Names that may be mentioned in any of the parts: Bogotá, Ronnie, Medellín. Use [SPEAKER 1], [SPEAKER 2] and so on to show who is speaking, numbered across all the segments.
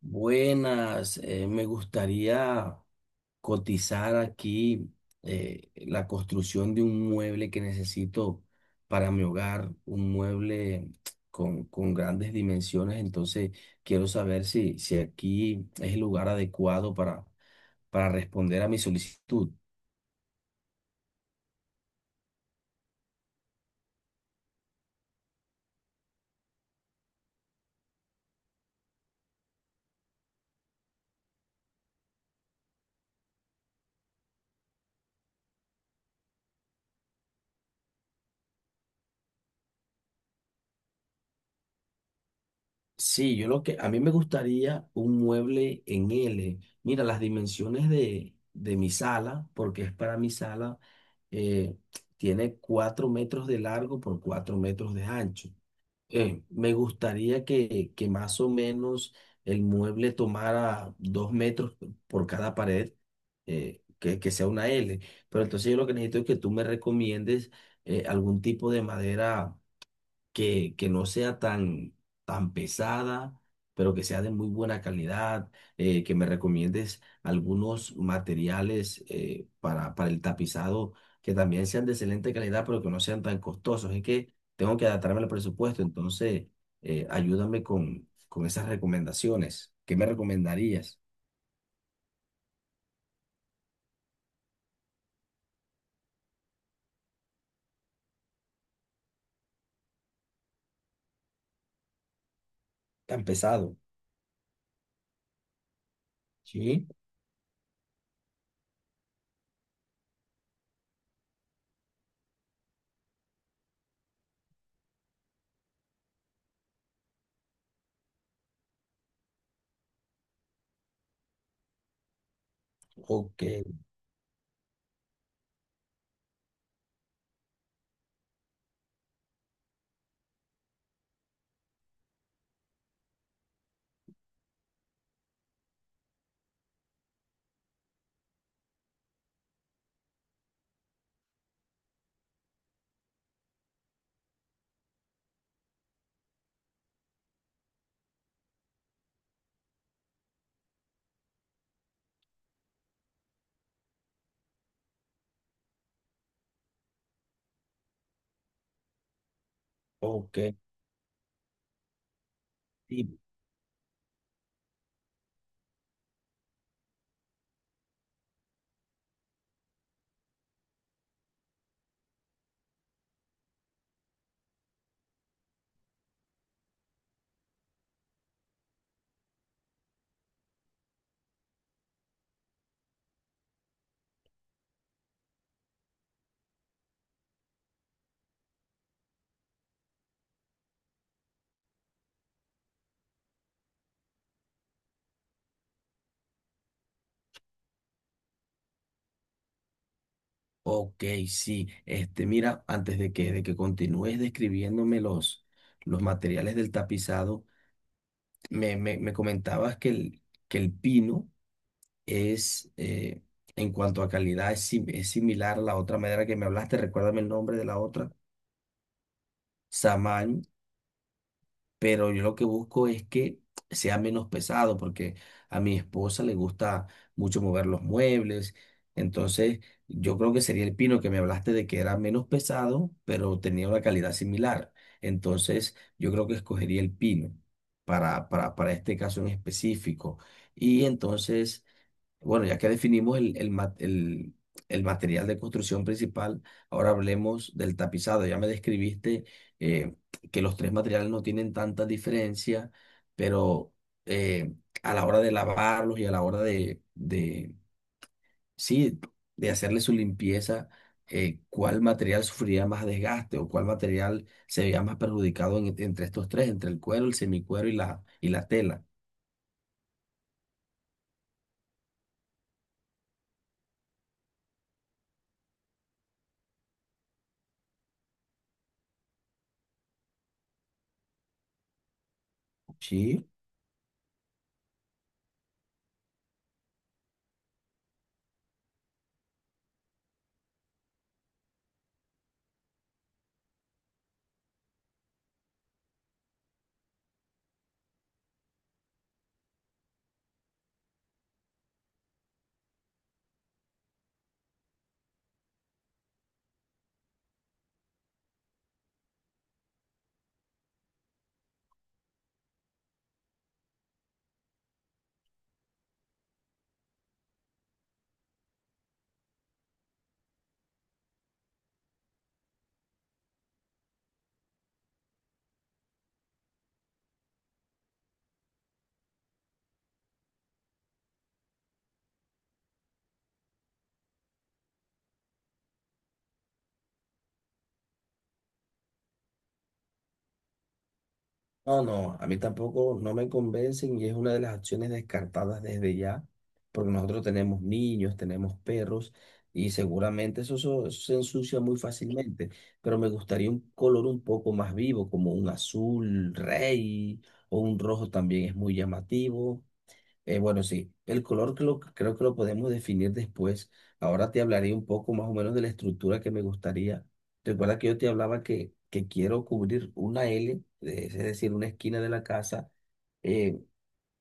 [SPEAKER 1] Buenas, me gustaría cotizar aquí la construcción de un mueble que necesito para mi hogar, un mueble con grandes dimensiones, entonces quiero saber si aquí es el lugar adecuado para responder a mi solicitud. Sí, yo lo que a mí me gustaría un mueble en L. Mira, las dimensiones de mi sala, porque es para mi sala, eh, tiene 4 metros de largo por 4 metros de ancho. Me gustaría que más o menos el mueble tomara 2 metros por cada pared, que sea una L. Pero entonces yo lo que necesito es que tú me recomiendes algún tipo de madera que no sea tan pesada, pero que sea de muy buena calidad, que me recomiendes algunos materiales para el tapizado que también sean de excelente calidad, pero que no sean tan costosos. Es que tengo que adaptarme al presupuesto, entonces ayúdame con esas recomendaciones. ¿Qué me recomendarías? Tan pesado. Sí, ok, ok. Y ok, sí. Este, mira, antes de de que continúes describiéndome los materiales del tapizado, me comentabas que el pino es, en cuanto a calidad, es, es similar a la otra madera que me hablaste. Recuérdame el nombre de la otra. Pero yo lo que busco es que sea menos pesado, porque a mi esposa le gusta mucho mover los muebles, entonces yo creo que sería el pino que me hablaste de que era menos pesado, pero tenía una calidad similar, entonces yo creo que escogería el pino para este caso en específico, y entonces... Bueno, ya que definimos el material de construcción principal, ahora hablemos del tapizado. Ya me describiste eh, que los tres materiales no tienen tanta diferencia, pero eh, a la hora de lavarlos y a la hora de sí, de hacerle su limpieza, ¿cuál material sufriría más desgaste o cuál material se veía más perjudicado entre estos tres, entre el cuero, el semicuero y y la tela? Sí. No, no, a mí tampoco no me convencen y es una de las acciones descartadas desde ya, porque nosotros tenemos niños, tenemos perros y seguramente eso se ensucia muy fácilmente, pero me gustaría un color un poco más vivo, como un azul rey o un rojo también es muy llamativo, bueno, sí, el color que creo que lo podemos definir después. Ahora te hablaré un poco más o menos de la estructura que me gustaría. Recuerda que yo te hablaba que quiero cubrir una L, es decir, una esquina de la casa, eh,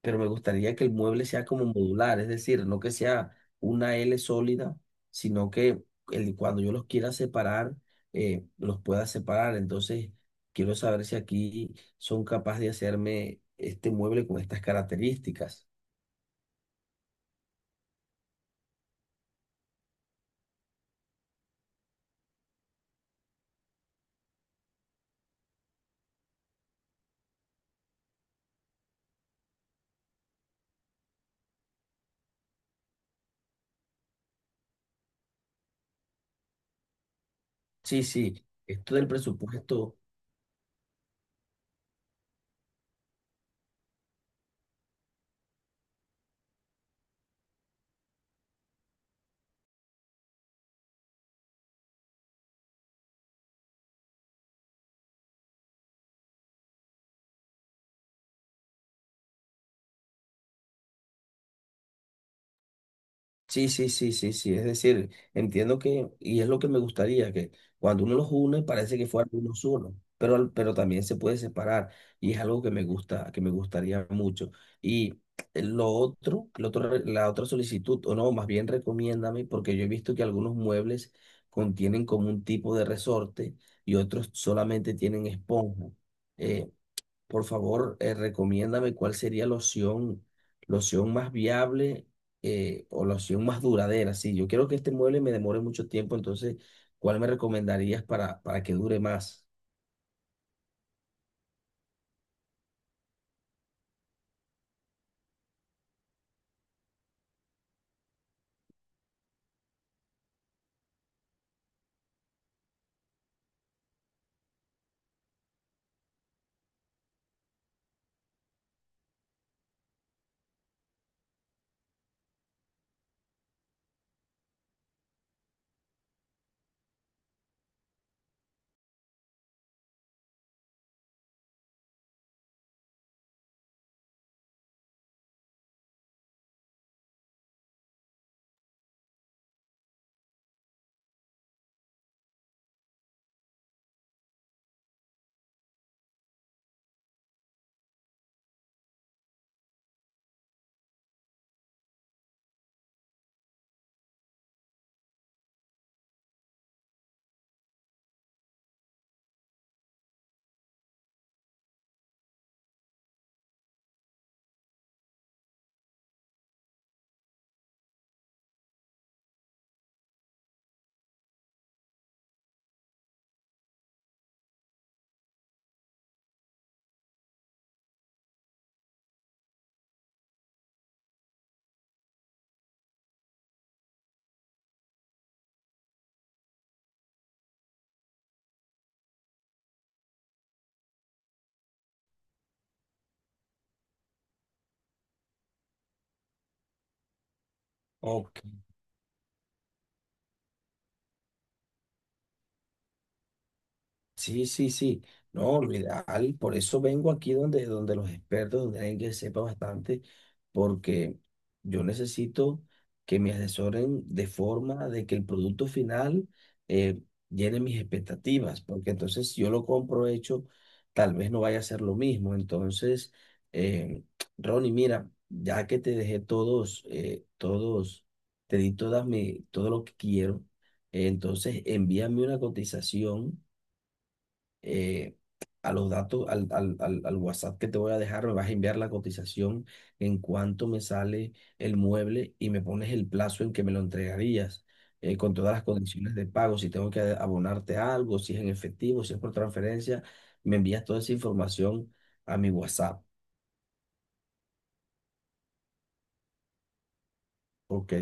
[SPEAKER 1] pero me gustaría que el mueble sea como modular, es decir, no que sea una L sólida, sino que cuando yo los quiera separar, los pueda separar. Entonces, quiero saber si aquí son capaces de hacerme este mueble con estas características. Sí, sí, esto del presupuesto, sí, sí, sí, sí, sí, es decir, entiendo que, y es lo que me gustaría, que cuando uno los une parece que fueran uno solo, pero, pero también se puede separar, y es algo que me gusta, que me gustaría mucho. Y lo otro, la otra solicitud, o no, más bien recomiéndame, porque yo he visto que algunos muebles contienen como un tipo de resorte y otros solamente tienen esponja. Eh, Por favor, recomiéndame cuál sería la opción más viable, o la opción más duradera. Sí, yo quiero que este mueble me demore mucho tiempo, entonces, ¿cuál me recomendarías para que dure más? Sí, sí, sí. No, lo ideal, por eso vengo aquí donde los expertos, donde alguien que sepa bastante, porque yo necesito que me asesoren de forma de que el producto final eh, llene mis expectativas, porque entonces si yo lo compro hecho, tal vez no vaya a ser lo mismo. Entonces, eh, Ronnie, mira, ya que te dejé todos, te di todas mi, todo lo que quiero, entonces envíame una cotización eh, a los datos, al, al, al, al WhatsApp que te voy a dejar, me vas a enviar la cotización en cuánto me sale el mueble y me pones el plazo en que me lo entregarías, con todas las condiciones de pago, si tengo que abonarte algo, si es en efectivo, si es por transferencia, me envías toda esa información a mi WhatsApp. Ok.